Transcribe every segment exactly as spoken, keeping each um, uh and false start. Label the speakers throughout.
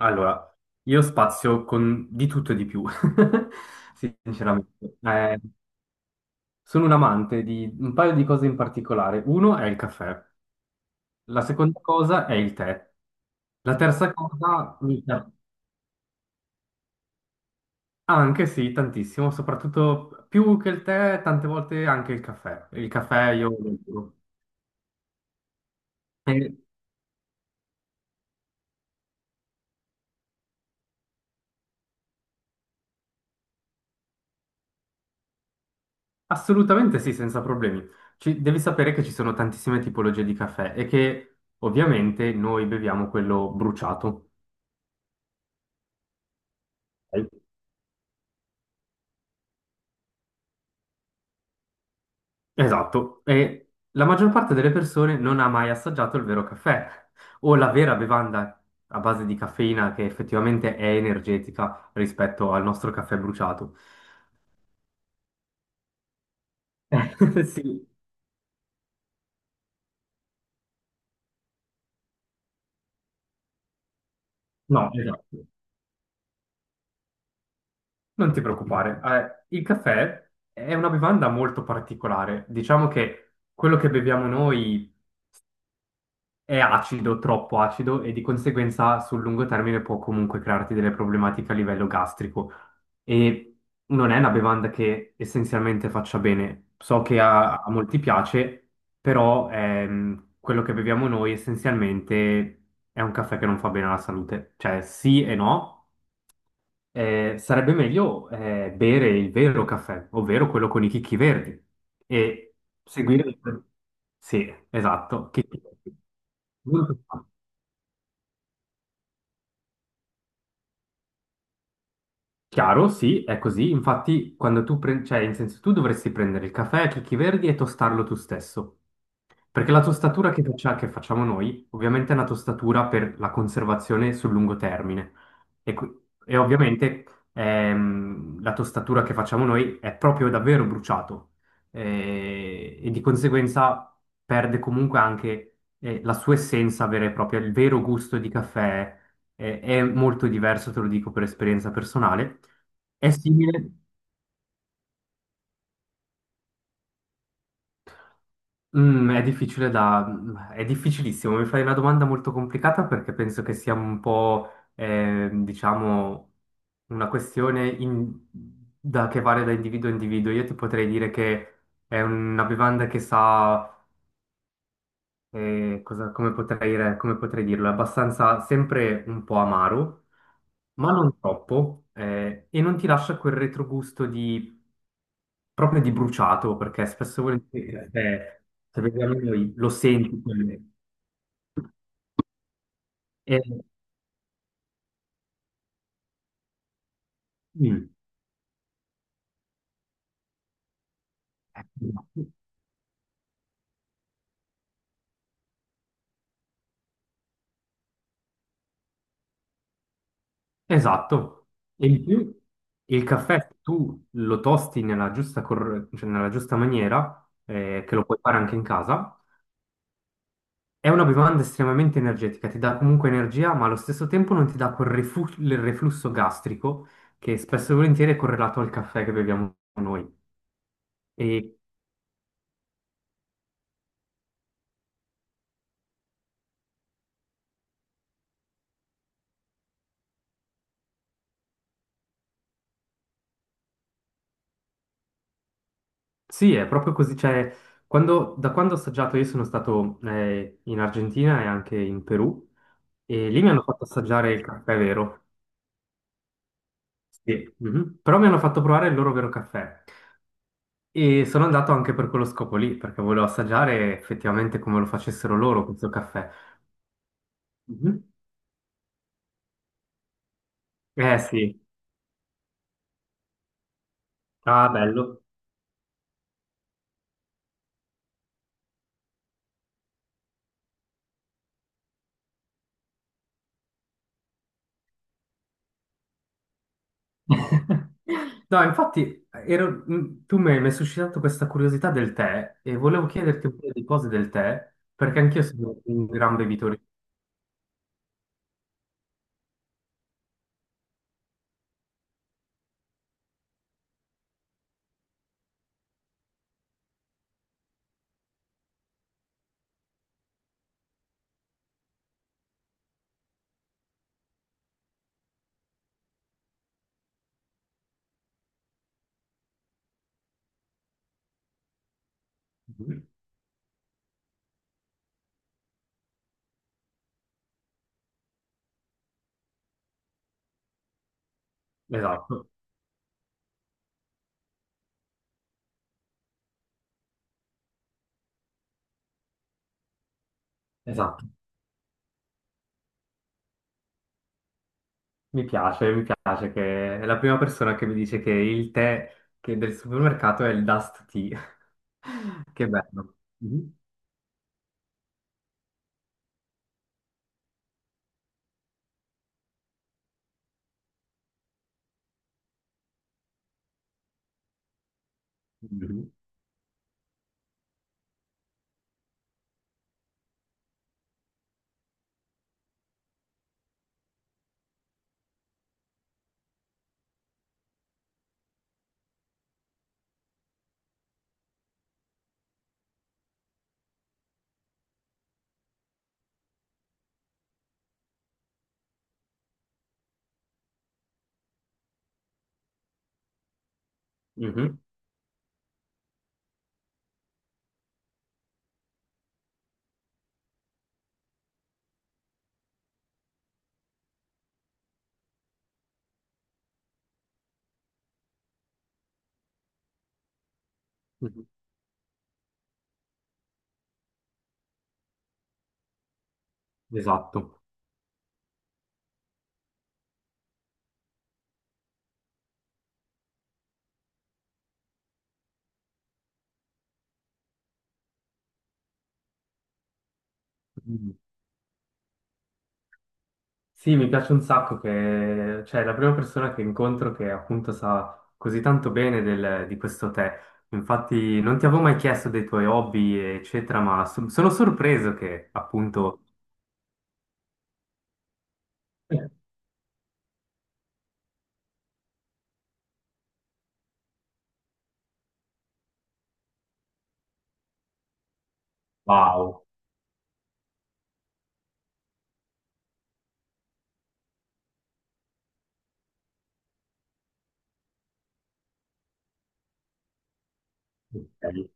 Speaker 1: Allora, io spazio con di tutto e di più, sinceramente. Eh, sono un amante di un paio di cose in particolare. Uno è il caffè, la seconda cosa è il tè. La terza cosa, il tè. Anche sì, tantissimo, soprattutto più che il tè, tante volte anche il caffè. Il caffè io lo adoro. Eh, assolutamente sì, senza problemi. Ci- devi sapere che ci sono tantissime tipologie di caffè e che ovviamente noi beviamo quello bruciato. Ok? Esatto, e la maggior parte delle persone non ha mai assaggiato il vero caffè o la vera bevanda a base di caffeina che effettivamente è energetica rispetto al nostro caffè bruciato. Sì, no, esatto. Non ti preoccupare, eh, il caffè è una bevanda molto particolare. Diciamo che quello che beviamo noi è acido, troppo acido e di conseguenza sul lungo termine può comunque crearti delle problematiche a livello gastrico. E non è una bevanda che essenzialmente faccia bene. So che a, a molti piace, però ehm, quello che beviamo noi essenzialmente è un caffè che non fa bene alla salute. Cioè sì e no, eh, sarebbe meglio eh, bere il vero caffè, ovvero quello con i chicchi verdi, e seguire... Sì, esatto, chicchi verdi. Molto facile. Chiaro, sì, è così. Infatti, quando tu prendi, cioè, in senso, tu dovresti prendere il caffè a chicchi verdi e tostarlo tu stesso. Perché la tostatura che, faccia- che facciamo noi, ovviamente, è una tostatura per la conservazione sul lungo termine. E, qui- e ovviamente, ehm, la tostatura che facciamo noi è proprio davvero bruciato. Eh, e di conseguenza perde comunque anche, eh, la sua essenza vera e propria, il vero gusto di caffè è, è molto diverso, te lo dico per esperienza personale. È simile, mm, è difficile da, è difficilissimo. Mi fai una domanda molto complicata perché penso che sia un po', eh, diciamo, una questione in- da- che varia da individuo a individuo. Io ti potrei dire che è una bevanda che sa, eh, cosa- come potrei dire- come potrei dirlo, è abbastanza sempre un po' amaro ma non troppo, eh, e non ti lascia quel retrogusto di proprio di bruciato, perché spesso e volentieri, ok, eh, se vediamo noi, lo senti. quindi- e- mm, Esatto. E in più il caffè, se tu lo tosti nella giusta, cor- cioè nella giusta maniera, eh, che lo puoi fare anche in casa, è una bevanda estremamente energetica, ti dà comunque energia, ma allo stesso tempo non ti dà quel rifu- il reflusso gastrico che spesso e volentieri è correlato al caffè che beviamo noi. E sì, è proprio così, cioè, quando- da quando ho assaggiato, io sono stato eh, in Argentina e anche in Perù, e lì mi hanno fatto assaggiare il caffè vero, sì, mhm. Però mi hanno fatto provare il loro vero caffè, e sono andato anche per quello scopo lì, perché volevo assaggiare effettivamente come lo facessero loro questo caffè. Mhm. Eh sì, ah, bello. No, infatti, ero- mh, tu mi mi hai suscitato questa curiosità del tè, e volevo chiederti un paio di cose del tè, perché anch'io sono un gran bevitore. Esatto, esatto. Mi piace, mi piace che è la prima persona che mi dice che il tè che del supermercato è il Dust Tea. Che bello. Mhm, mhm, mhm, mhm. Esatto. Mhm. Sì, mi piace un sacco che, cioè, è la prima persona che incontro che appunto sa così tanto bene del- di questo tè. Infatti, non ti avevo mai chiesto dei tuoi hobby, eccetera, ma so- sono sorpreso che appunto. Wow. Ok,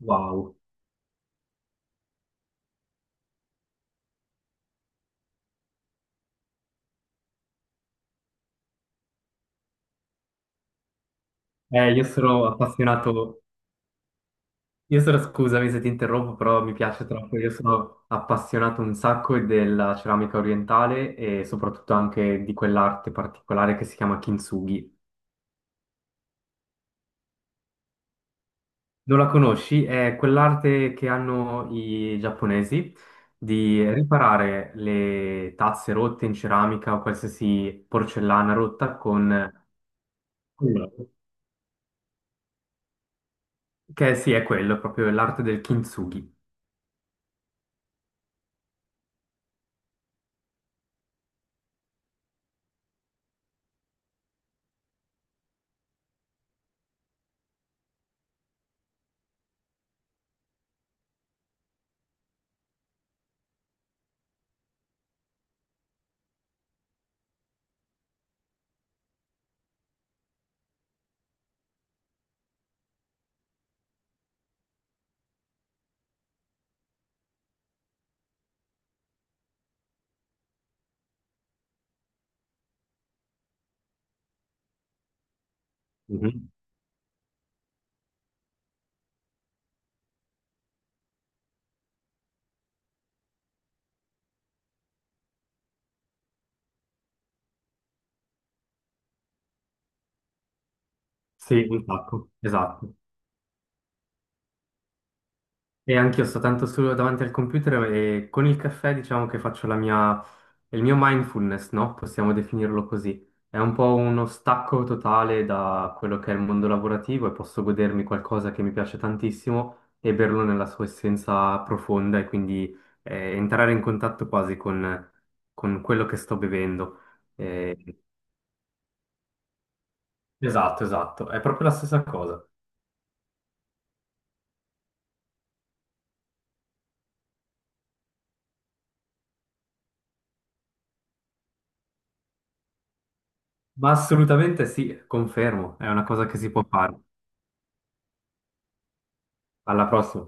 Speaker 1: wow. Eh, io sono appassionato, io sono, scusami se ti interrompo, però mi piace troppo, io sono appassionato un sacco della ceramica orientale e soprattutto anche di quell'arte particolare che si chiama kintsugi. Non la conosci? È quell'arte che hanno i giapponesi di riparare le tazze rotte in ceramica o qualsiasi porcellana rotta con... Quello. Che sì, è quello, proprio l'arte del kintsugi. Mhm. Sì, un sacco, esatto. E anch'io sto tanto solo davanti al computer e con il caffè diciamo che faccio la mia, il mio mindfulness, no? Possiamo definirlo così. È un po' uno stacco totale da quello che è il mondo lavorativo e posso godermi qualcosa che mi piace tantissimo e berlo nella sua essenza profonda e quindi eh, entrare in contatto quasi con, con quello che sto bevendo. Eh, esatto, esatto, è proprio la stessa cosa. Ma assolutamente sì, confermo, è una cosa che si può fare. Alla prossima.